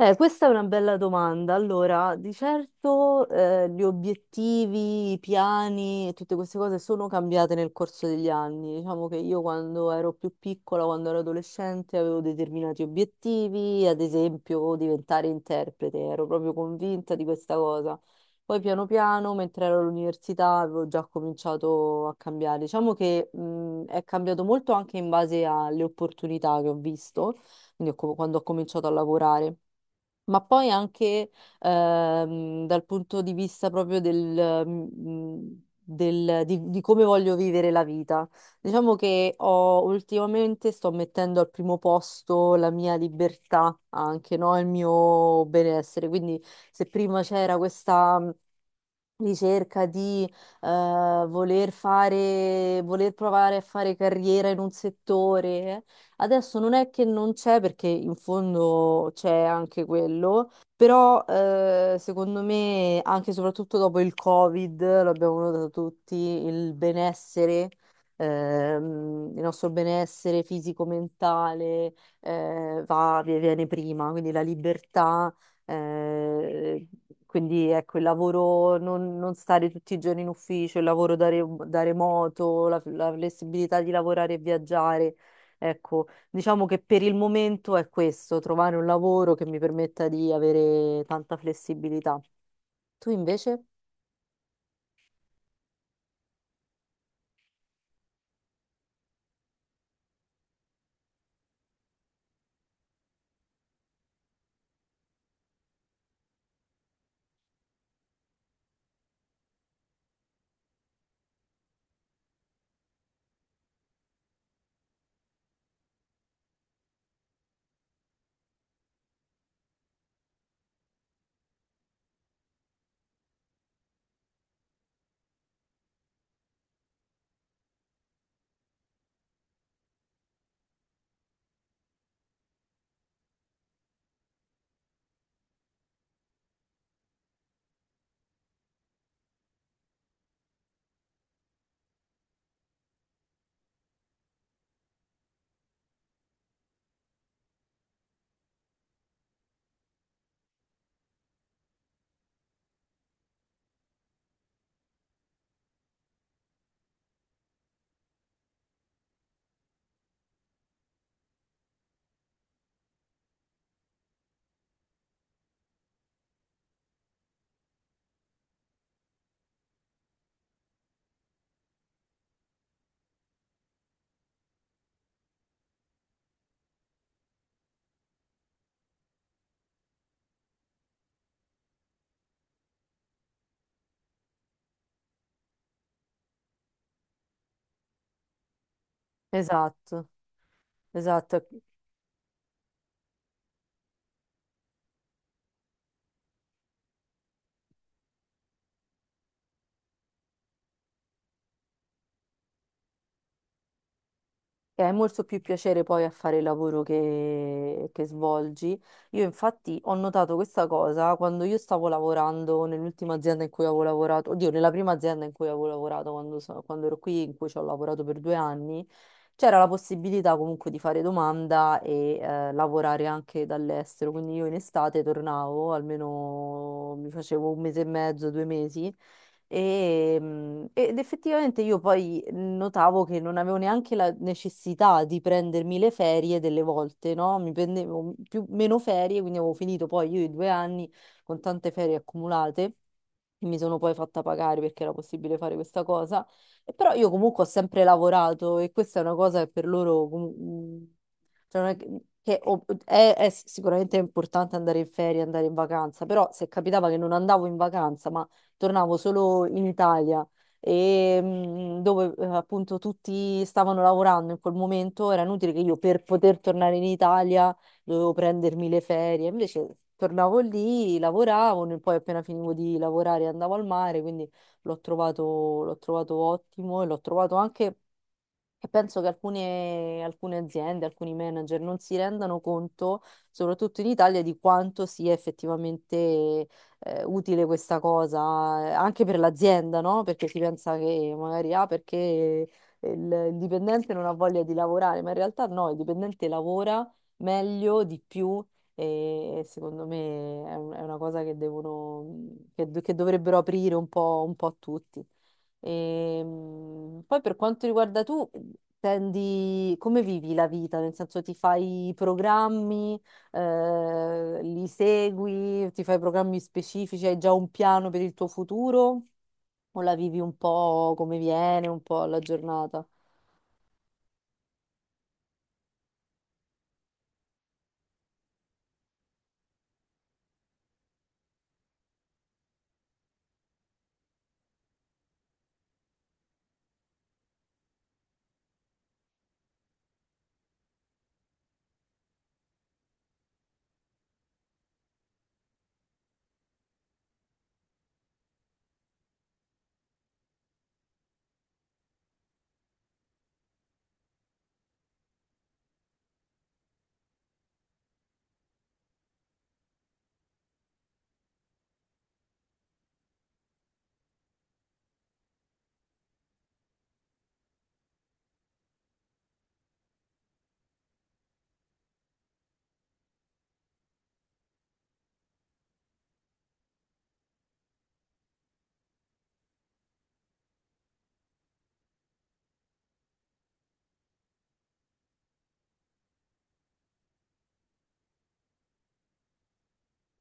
Questa è una bella domanda. Allora, di certo, gli obiettivi, i piani e tutte queste cose sono cambiate nel corso degli anni. Diciamo che io quando ero più piccola, quando ero adolescente, avevo determinati obiettivi, ad esempio diventare interprete, ero proprio convinta di questa cosa. Poi piano piano, mentre ero all'università, avevo già cominciato a cambiare. Diciamo che, è cambiato molto anche in base alle opportunità che ho visto, quindi quando ho cominciato a lavorare. Ma poi anche dal punto di vista proprio del, di come voglio vivere la vita. Diciamo che ultimamente sto mettendo al primo posto la mia libertà, anche no? Il mio benessere. Quindi se prima c'era questa ricerca di voler fare, voler provare a fare carriera in un settore. Adesso non è che non c'è, perché in fondo c'è anche quello, però secondo me, anche e soprattutto dopo il Covid, l'abbiamo notato tutti, il benessere. Il nostro benessere fisico-mentale viene prima, quindi la libertà eh, quindi ecco, il lavoro, non stare tutti i giorni in ufficio, il lavoro da remoto, la flessibilità di lavorare e viaggiare. Ecco, diciamo che per il momento è questo, trovare un lavoro che mi permetta di avere tanta flessibilità. Tu invece? Esatto, esatto. E hai molto più piacere poi a fare il lavoro che svolgi. Io infatti ho notato questa cosa quando io stavo lavorando nell'ultima azienda in cui avevo lavorato, oddio, nella prima azienda in cui avevo lavorato quando ero qui, in cui ci ho lavorato per 2 anni, c'era la possibilità comunque di fare domanda e lavorare anche dall'estero. Quindi io in estate tornavo, almeno mi facevo un mese e mezzo, 2 mesi ed effettivamente io poi notavo che non avevo neanche la necessità di prendermi le ferie delle volte, no? Mi prendevo più, meno ferie, quindi avevo finito poi io i 2 anni con tante ferie accumulate. E Mi sono poi fatta pagare perché era possibile fare questa cosa, e però io comunque ho sempre lavorato e questa è una cosa che per loro cioè non è che è sicuramente importante andare in ferie, andare in vacanza, però se capitava che non andavo in vacanza, ma tornavo solo in Italia e dove appunto tutti stavano lavorando in quel momento, era inutile che io per poter tornare in Italia dovevo prendermi le ferie. Invece tornavo lì, lavoravo, e poi appena finivo di lavorare andavo al mare, quindi l'ho trovato, l'ho trovato ottimo e l'ho trovato anche e penso che alcune aziende, alcuni manager non si rendano conto, soprattutto in Italia, di quanto sia effettivamente utile questa cosa, anche per l'azienda, no? Perché si pensa che magari ah, perché il, il dipendente non ha voglia di lavorare, ma in realtà no, il dipendente lavora meglio, di più e secondo me è una cosa che che dovrebbero aprire un po' a tutti. Poi per quanto riguarda tu, come vivi la vita? Nel senso ti fai i programmi, li segui, ti fai programmi specifici, hai già un piano per il tuo futuro o la vivi un po' come viene, un po' alla giornata?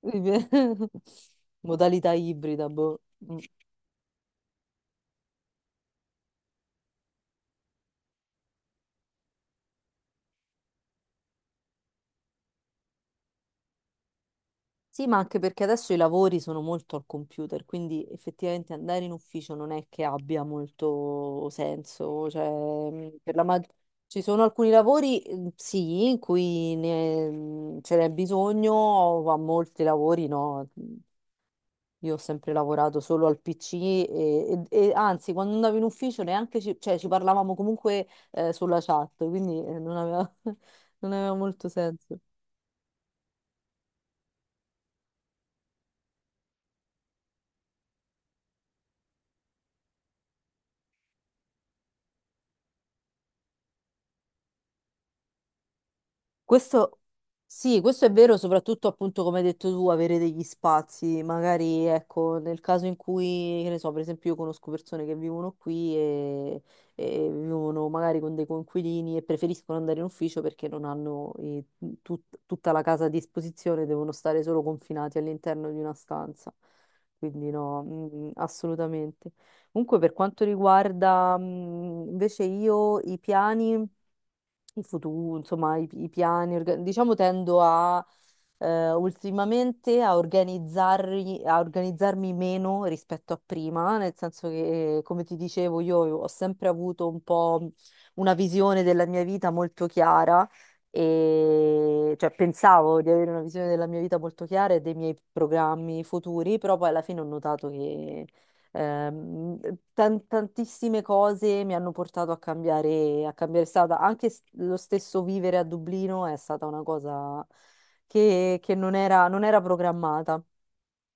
Modalità ibrida, boh. Mm. Sì, ma anche perché adesso i lavori sono molto al computer, quindi effettivamente andare in ufficio non è che abbia molto senso. Cioè, ci sono alcuni lavori, sì, in cui ce n'è bisogno, ma molti lavori no. Mm. Io ho sempre lavorato solo al PC e anzi, quando andavo in ufficio neanche cioè, ci parlavamo comunque sulla chat, quindi non aveva, non aveva molto senso. Questo, sì, questo è vero, soprattutto appunto come hai detto tu, avere degli spazi, magari ecco, nel caso in cui, che ne so, per esempio io conosco persone che vivono qui e vivono magari con dei coinquilini e preferiscono andare in ufficio perché non hanno tutta la casa a disposizione, devono stare solo confinati all'interno di una stanza. Quindi no, assolutamente. Comunque per quanto riguarda invece io i piani il futuro, insomma, i piani, diciamo tendo a ultimamente a organizzarmi meno rispetto a prima, nel senso che, come ti dicevo, io ho sempre avuto un po' una visione della mia vita molto chiara. E cioè pensavo di avere una visione della mia vita molto chiara e dei miei programmi futuri, però poi alla fine ho notato che Ehm, tantissime cose mi hanno portato a cambiare strada. Anche lo stesso vivere a Dublino è stata una cosa che non era programmata.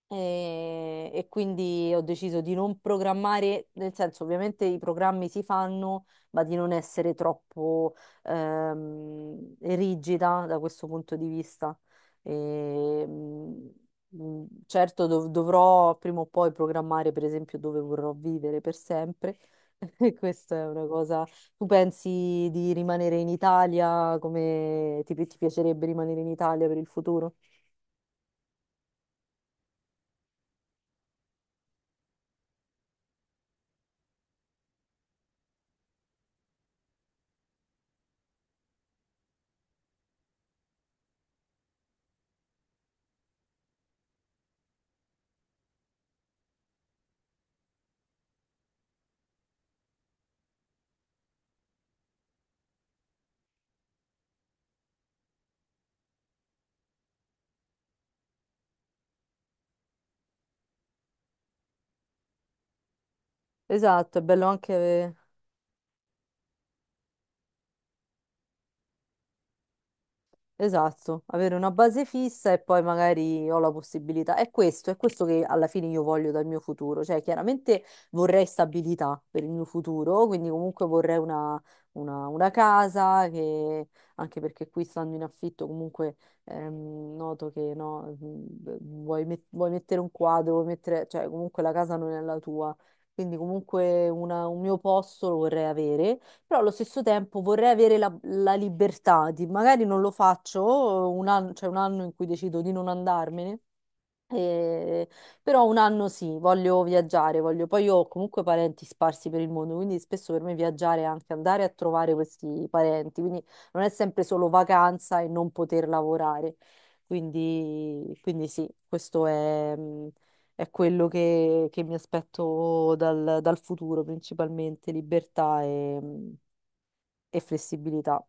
E quindi ho deciso di non programmare, nel senso, ovviamente i programmi si fanno, ma di non essere troppo rigida da questo punto di vista. E certo, dovrò prima o poi programmare, per esempio, dove vorrò vivere per sempre. E questa è una cosa. Tu pensi di rimanere in Italia? Come ti piacerebbe rimanere in Italia per il futuro? Esatto, è bello anche. Esatto, avere una base fissa e poi magari ho la possibilità. È questo che alla fine io voglio dal mio futuro. Cioè, chiaramente vorrei stabilità per il mio futuro, quindi comunque vorrei una casa che, anche perché qui stando in affitto, comunque noto che no, vuoi mettere un quadro, vuoi mettere, cioè comunque la casa non è la tua. Quindi comunque un mio posto lo vorrei avere, però allo stesso tempo vorrei avere la libertà di, magari non lo faccio un anno, cioè un anno in cui decido di non andarmene, eh, però un anno sì, voglio viaggiare, voglio, poi io ho comunque parenti sparsi per il mondo, quindi spesso per me viaggiare è anche andare a trovare questi parenti, quindi non è sempre solo vacanza e non poter lavorare. Quindi sì, questo è quello che mi aspetto dal futuro, principalmente libertà e flessibilità.